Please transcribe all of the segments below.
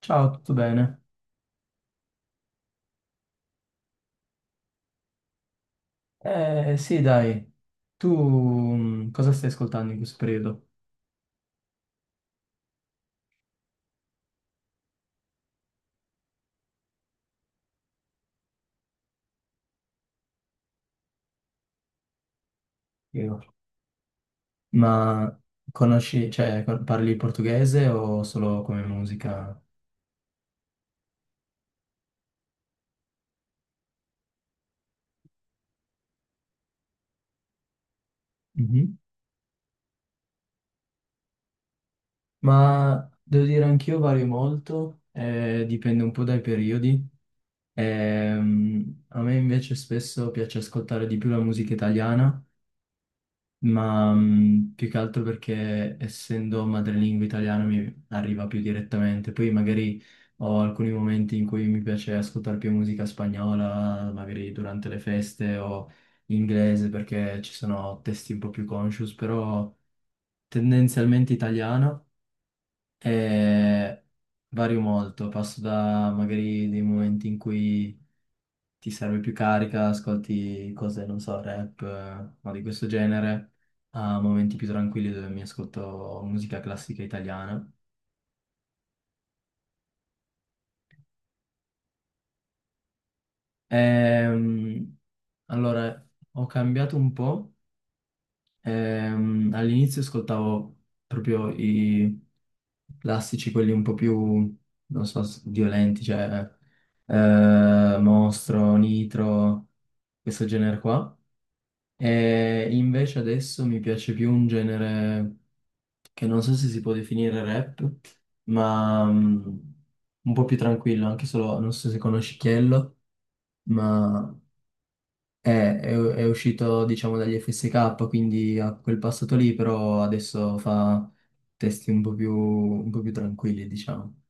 Ciao, tutto bene? Eh sì, dai, tu cosa stai ascoltando in questo periodo? Io. Ma conosci, cioè, parli portoghese o solo come musica? Mhm. Ma devo dire anch'io vario molto, dipende un po' dai periodi. A me invece spesso piace ascoltare di più la musica italiana ma più che altro perché essendo madrelingua italiana mi arriva più direttamente. Poi magari ho alcuni momenti in cui mi piace ascoltare più musica spagnola, magari durante le feste o inglese perché ci sono testi un po' più conscious, però tendenzialmente italiano e vario molto. Passo da magari dei momenti in cui ti serve più carica, ascolti cose, non so, rap o di questo genere, a momenti più tranquilli dove mi ascolto musica classica italiana. Ehm, allora, ho cambiato un po'. All'inizio ascoltavo proprio i classici, quelli un po' più, non so, violenti, cioè Mostro, Nitro, questo genere qua. E invece adesso mi piace più un genere che non so se si può definire rap, ma un po' più tranquillo, anche solo, non so se conosci Chiello, ma è uscito, diciamo, dagli FSK, quindi ha quel passato lì, però adesso fa testi un po' più tranquilli, diciamo.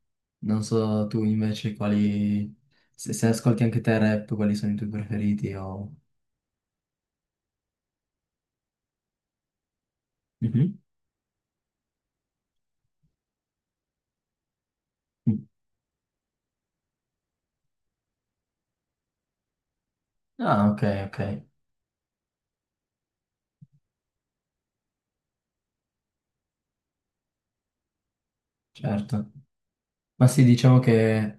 Non so tu invece quali, se ascolti anche te rap, quali sono i tuoi preferiti o... Mhm. Ah, ok, ok, certo. Ma sì, diciamo che...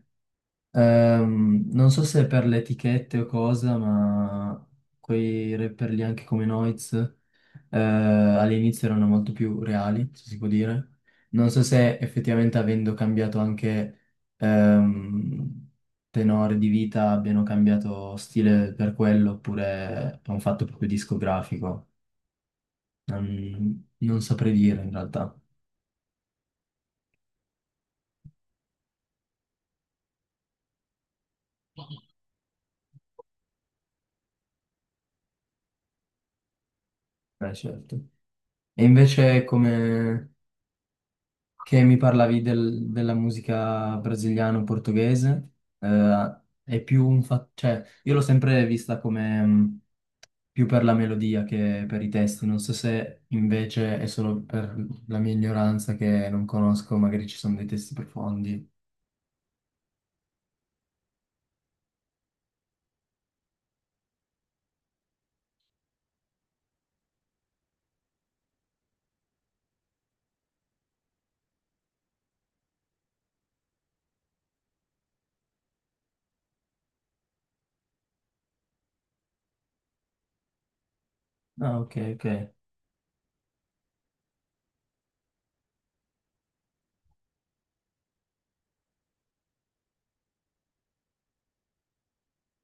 Non so se è per le etichette o cosa, ma quei rapper lì anche come Noiz all'inizio erano molto più reali, se si può dire. Non so se effettivamente avendo cambiato anche ehm, tenore di vita abbiano cambiato stile per quello oppure è un fatto proprio discografico. Non saprei dire in realtà. Certo. E invece come... che mi parlavi della musica brasiliano-portoghese, è più un fatto, cioè io l'ho sempre vista come più per la melodia che per i testi, non so se invece è solo per la mia ignoranza che non conosco, magari ci sono dei testi profondi. Ah, ok, ok.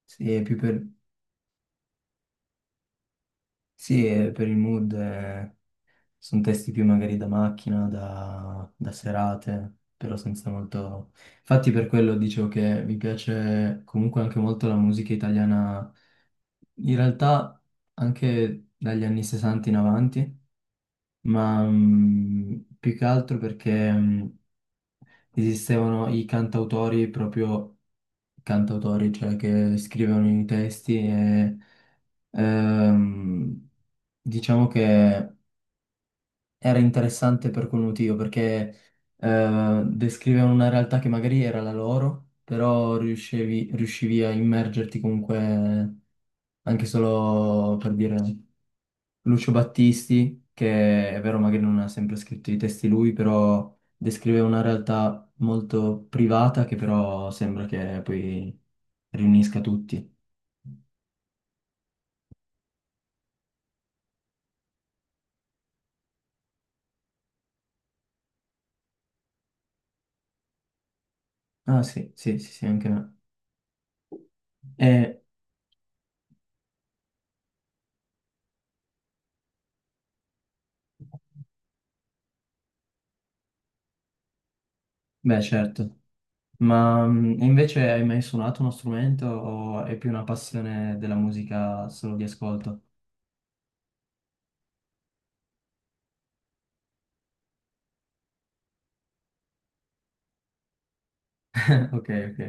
Sì, è più per, sì, è per il mood. Sono testi più magari da macchina, da serate, però senza molto... Infatti per quello dicevo che mi piace comunque anche molto la musica italiana, in realtà anche dagli anni 60 in avanti, ma più che altro perché esistevano i cantautori, proprio cantautori, cioè che scrivevano i testi e ehm, diciamo che era interessante per quel motivo, perché descrivevano una realtà che magari era la loro, però riuscivi a immergerti comunque, anche solo per dire Lucio Battisti, che è vero magari non ha sempre scritto i testi lui, però descriveva una realtà molto privata che però sembra che poi riunisca tutti. Ah sì, sì, sì, sì, anche me. E, beh, certo. Ma e invece hai mai suonato uno strumento o è più una passione della musica solo di ascolto? Ok, ok.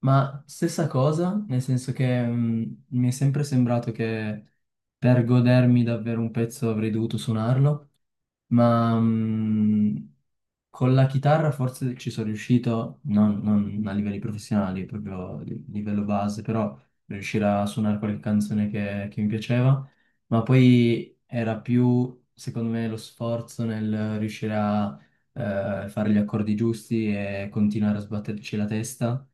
Ma stessa cosa, nel senso che mi è sempre sembrato che per godermi davvero un pezzo avrei dovuto suonarlo, ma con la chitarra forse ci sono riuscito, non a livelli professionali, proprio a livello base, però riuscire a suonare qualche canzone che mi piaceva, ma poi era più, secondo me, lo sforzo nel riuscire a fare gli accordi giusti e continuare a sbatterci la testa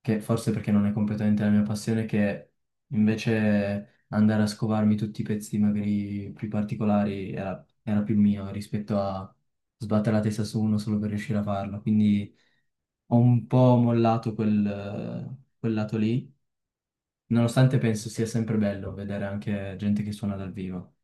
che forse perché non è completamente la mia passione, che invece andare a scovarmi tutti i pezzi magari più particolari era più mio rispetto a sbattere la testa su uno solo per riuscire a farlo. Quindi ho un po' mollato quel lato lì, nonostante penso sia sempre bello vedere anche gente che suona dal vivo.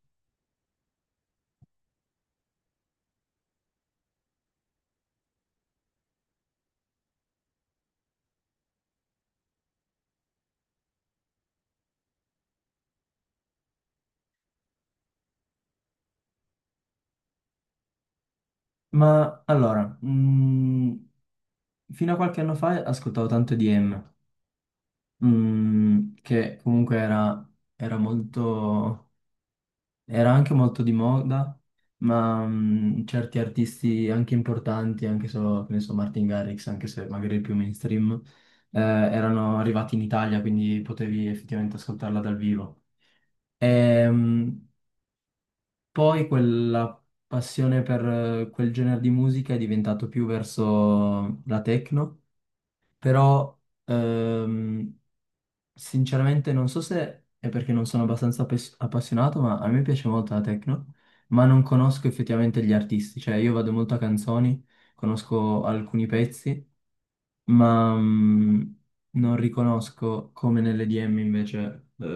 Ma allora, fino a qualche anno fa ascoltavo tanto EDM, che comunque era molto. Era anche molto di moda, ma certi artisti anche importanti, anche solo, che ne so, Martin Garrix, anche se magari il più mainstream, erano arrivati in Italia, quindi potevi effettivamente ascoltarla dal vivo. E, poi quella passione per quel genere di musica è diventato più verso la techno, però ehm, sinceramente non so se è perché non sono abbastanza appassionato, ma a me piace molto la techno, ma non conosco effettivamente gli artisti, cioè io vado molto a canzoni, conosco alcuni pezzi, ma non riconosco come nell'EDM invece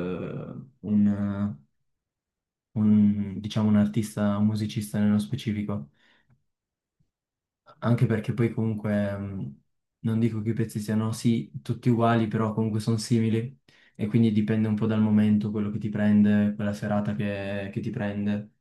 un, diciamo, un artista, un musicista nello specifico. Anche perché poi comunque non dico che i pezzi siano sì tutti uguali, però comunque sono simili e quindi dipende un po' dal momento, quello che ti prende, quella serata che ti prende.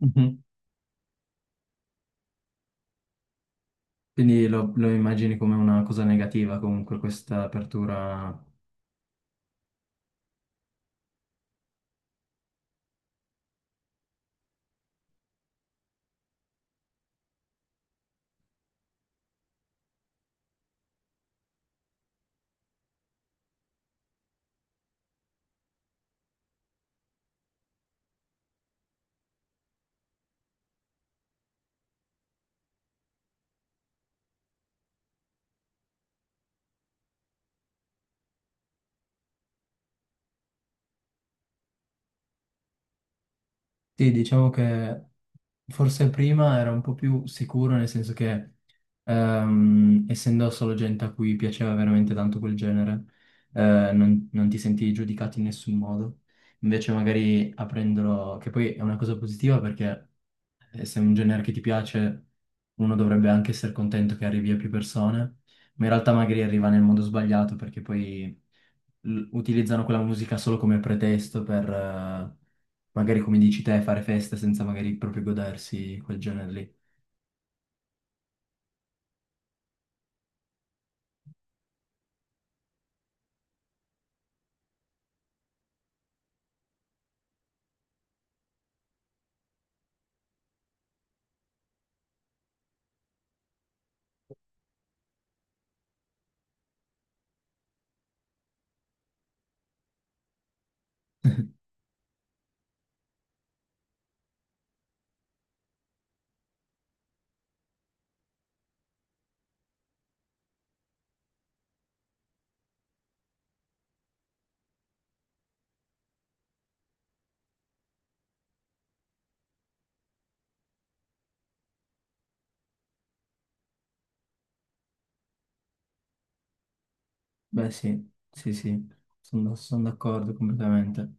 Mhm. Quindi lo immagini come una cosa negativa comunque questa apertura. Sì, diciamo che forse prima era un po' più sicuro, nel senso che essendo solo gente a cui piaceva veramente tanto quel genere, non ti sentivi giudicato in nessun modo. Invece magari aprendolo, che poi è una cosa positiva perché e se è un genere che ti piace, uno dovrebbe anche essere contento che arrivi a più persone, ma in realtà magari arriva nel modo sbagliato perché poi utilizzano quella musica solo come pretesto per, magari come dici te, fare festa senza magari proprio godersi quel genere lì. Beh, sì, sì, sì, sono d'accordo completamente.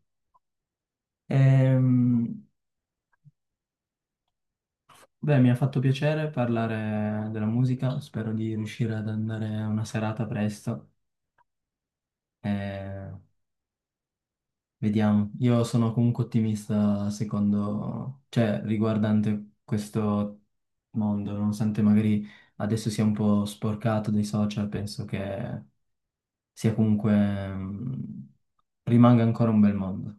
Ehm, beh, mi ha fatto piacere parlare della musica, spero di riuscire ad andare a una serata presto. Eh, Vediamo, io sono comunque ottimista secondo, cioè riguardante questo mondo, nonostante magari adesso sia un po' sporcato dai social, penso che sia comunque, mm, rimanga ancora un bel mondo.